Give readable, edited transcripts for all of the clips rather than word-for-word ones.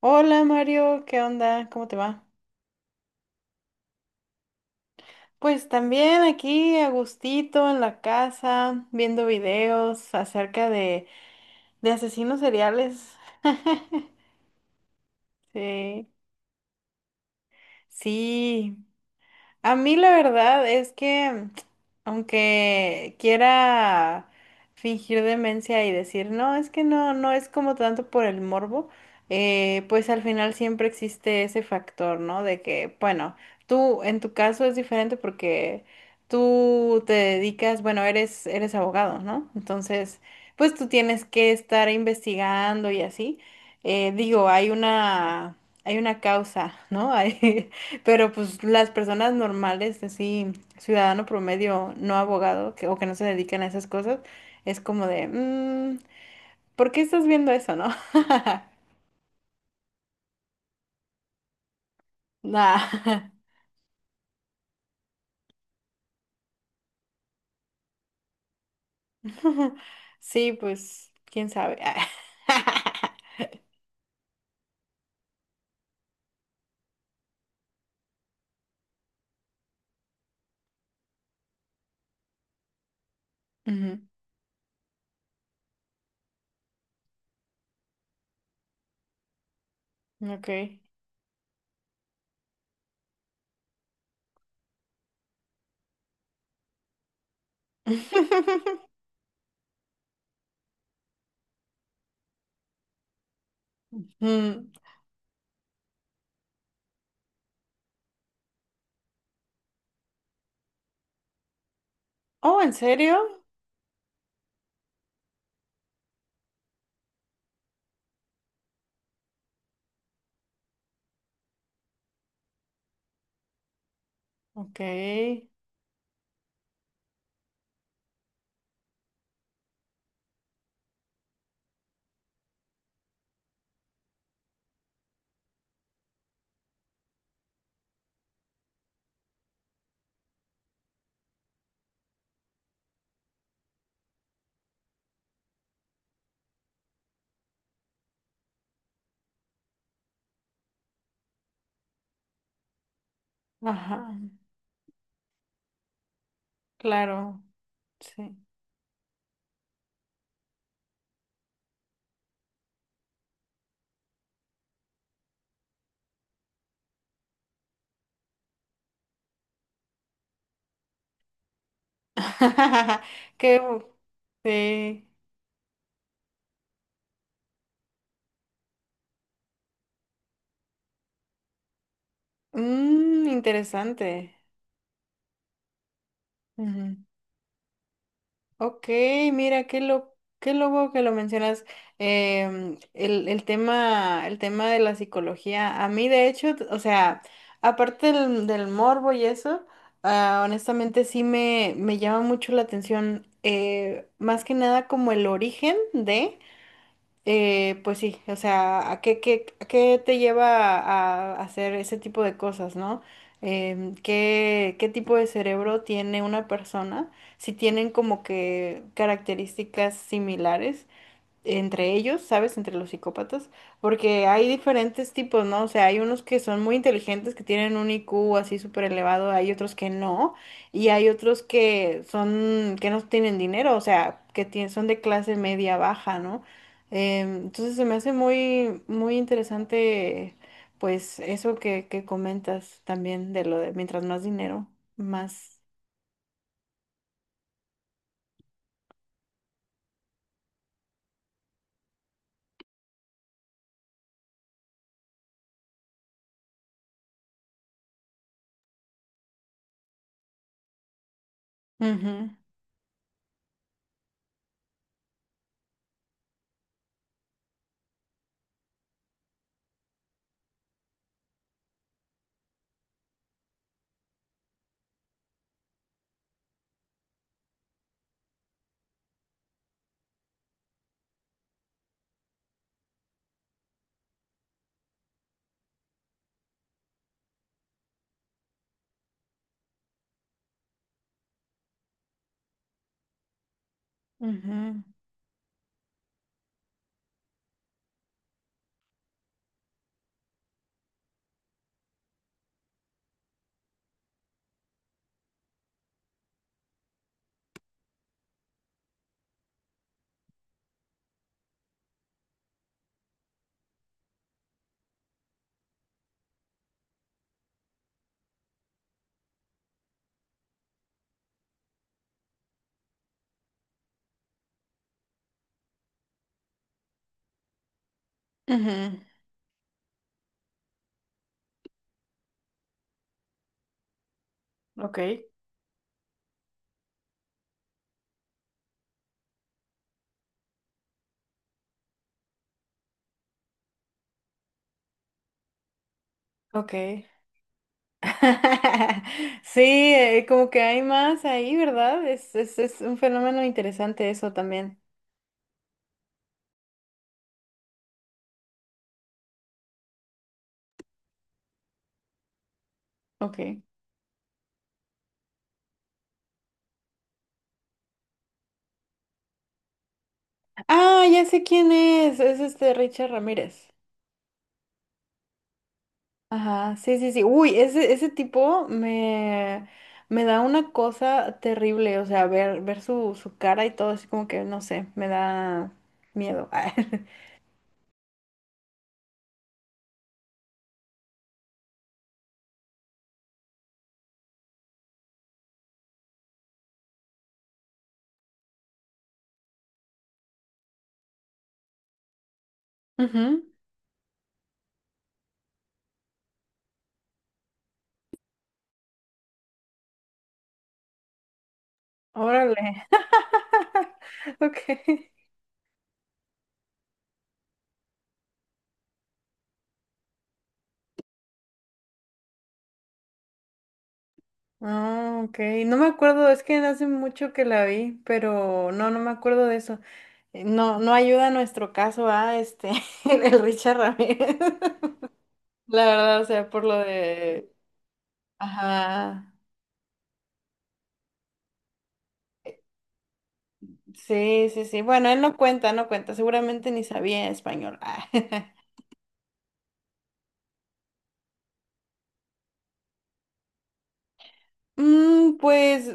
Hola Mario, ¿qué onda? ¿Cómo te va? Pues también aquí a gustito en la casa, viendo videos acerca de asesinos seriales. Sí, sí. A mí la verdad es que, aunque quiera fingir demencia y decir, no, es que no, no es como tanto por el morbo. Pues al final siempre existe ese factor, ¿no? De que, bueno, tú en tu caso es diferente porque tú te dedicas, bueno, eres abogado, ¿no? Entonces, pues tú tienes que estar investigando y así. Digo, hay una causa, ¿no? Pero pues las personas normales, así, ciudadano promedio, no abogado, que, o que no se dedican a esas cosas, es como de, "Mm, ¿por qué estás viendo eso, no? Nah. Sí, pues, quién sabe. Ujú, Ok. Mm, Oh, ¿en serio? Ok. Ajá, claro, sí. Qué bu- sí. Interesante. Ok, mira, qué lobo que lo mencionas. El tema de la psicología. A mí, de hecho, o sea, aparte del morbo y eso, honestamente sí me llama mucho la atención, más que nada como el origen de. Pues sí, o sea, ¿a qué te lleva a hacer ese tipo de cosas, ¿no? ¿Qué tipo de cerebro tiene una persona? Si tienen como que características similares entre ellos, ¿sabes? Entre los psicópatas, porque hay diferentes tipos, ¿no? O sea, hay unos que son muy inteligentes, que tienen un IQ así súper elevado, hay otros que no, y hay otros que son, que no tienen dinero, o sea, que son de clase media baja, ¿no? Entonces se me hace muy, muy interesante, pues, eso que comentas también de lo de mientras más dinero, más. Ujú, ujú, ujú. Ok, ok. Sí, como que hay más ahí, ¿verdad? Es un fenómeno interesante eso también. Ok. Ah, ya sé quién es. Es este Richard Ramírez. Ajá, sí, sí, sí. Uy, ese tipo me da una cosa terrible. O sea, ver su cara y todo, así como que, no sé, me da miedo. Ujú. Órale. Ok. Ah, ok. No me acuerdo, es que hace mucho que la vi, pero no, no me acuerdo de eso. No, no ayuda a nuestro caso a este. El Richard Ramírez. La verdad, o sea, por lo de. Ajá. Sí, sí, sí. Bueno, él no cuenta, no cuenta. Seguramente ni sabía español. Ah. Pues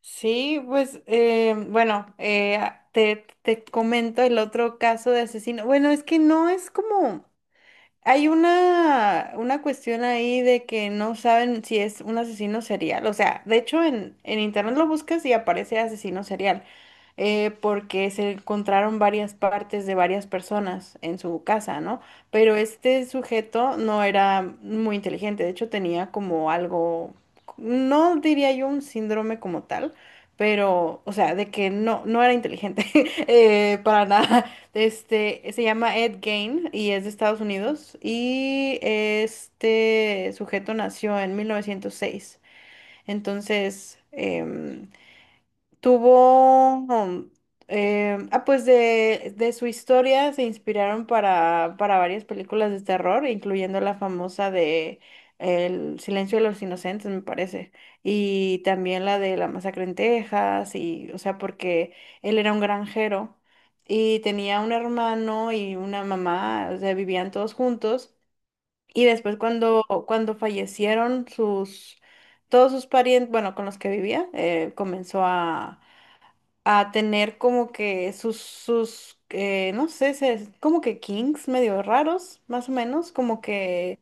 sí, pues bueno, te comento el otro caso de asesino. Bueno, es que no es como. Hay una cuestión ahí de que no saben si es un asesino serial. O sea, de hecho en internet lo buscas y aparece asesino serial porque se encontraron varias partes de varias personas en su casa, ¿no? Pero este sujeto no era muy inteligente, de hecho tenía como algo, no diría yo un síndrome como tal, pero, o sea, de que no, no era inteligente para nada. Se llama Ed Gain y es de Estados Unidos y este sujeto nació en 1906. Entonces... em, Tuvo, um, em, ah, pues de su historia se inspiraron para varias películas de terror, incluyendo la famosa de El Silencio de los Inocentes, me parece, y también la de La Masacre en Texas, y, o sea, porque él era un granjero y tenía un hermano y una mamá, o sea, vivían todos juntos, y después cuando fallecieron todos sus parientes, bueno, con los que vivía, comenzó a tener como que sus no sé, como que kings medio raros, más o menos, como que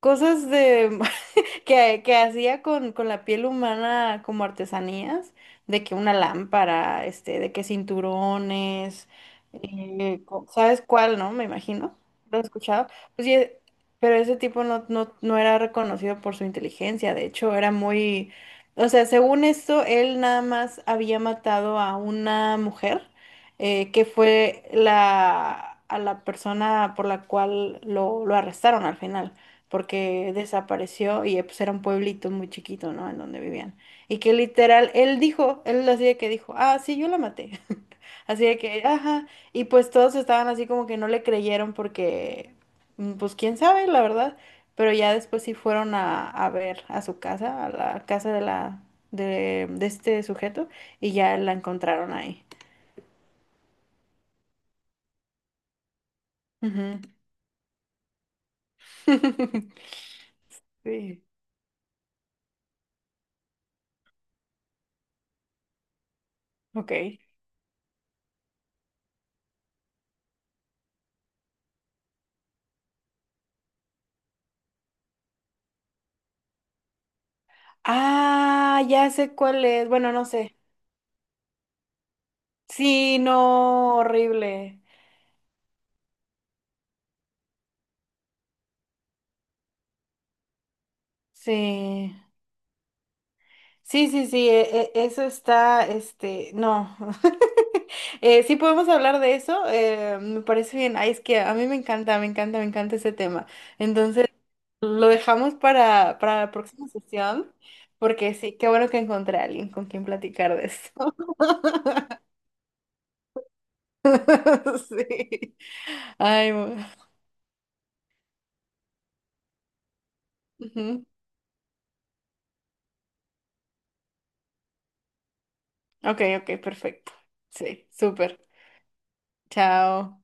cosas de que hacía con la piel humana como artesanías, de que una lámpara, de que cinturones, ¿sabes cuál, no? Me imagino, lo he escuchado. Pues sí, pero ese tipo no, no, no era reconocido por su inteligencia, de hecho era muy, o sea, según esto, él nada más había matado a una mujer, que fue a la persona por la cual lo arrestaron al final porque desapareció y pues era un pueblito muy chiquito, ¿no? En donde vivían. Y que literal, él así de que dijo, ah, sí, yo la maté. Así de que, ajá. Y pues todos estaban así como que no le creyeron porque, pues quién sabe, la verdad. Pero ya después sí fueron a ver a su casa, a la casa de este sujeto, y ya la encontraron ahí. Ujú. Sí, ok. Ah, ya sé cuál es. Bueno, no sé. Sí, no, horrible. Sí, sí, sí, sí, eso está, no. Sí podemos hablar de eso, me parece bien. Ay, es que a mí me encanta, me encanta, me encanta ese tema. Entonces, lo dejamos para la próxima sesión, porque sí, qué bueno que encontré a alguien con quien platicar de eso. Sí. Ay, bueno. Ujú. Ok, ok, perfecto. Sí, súper. Chao.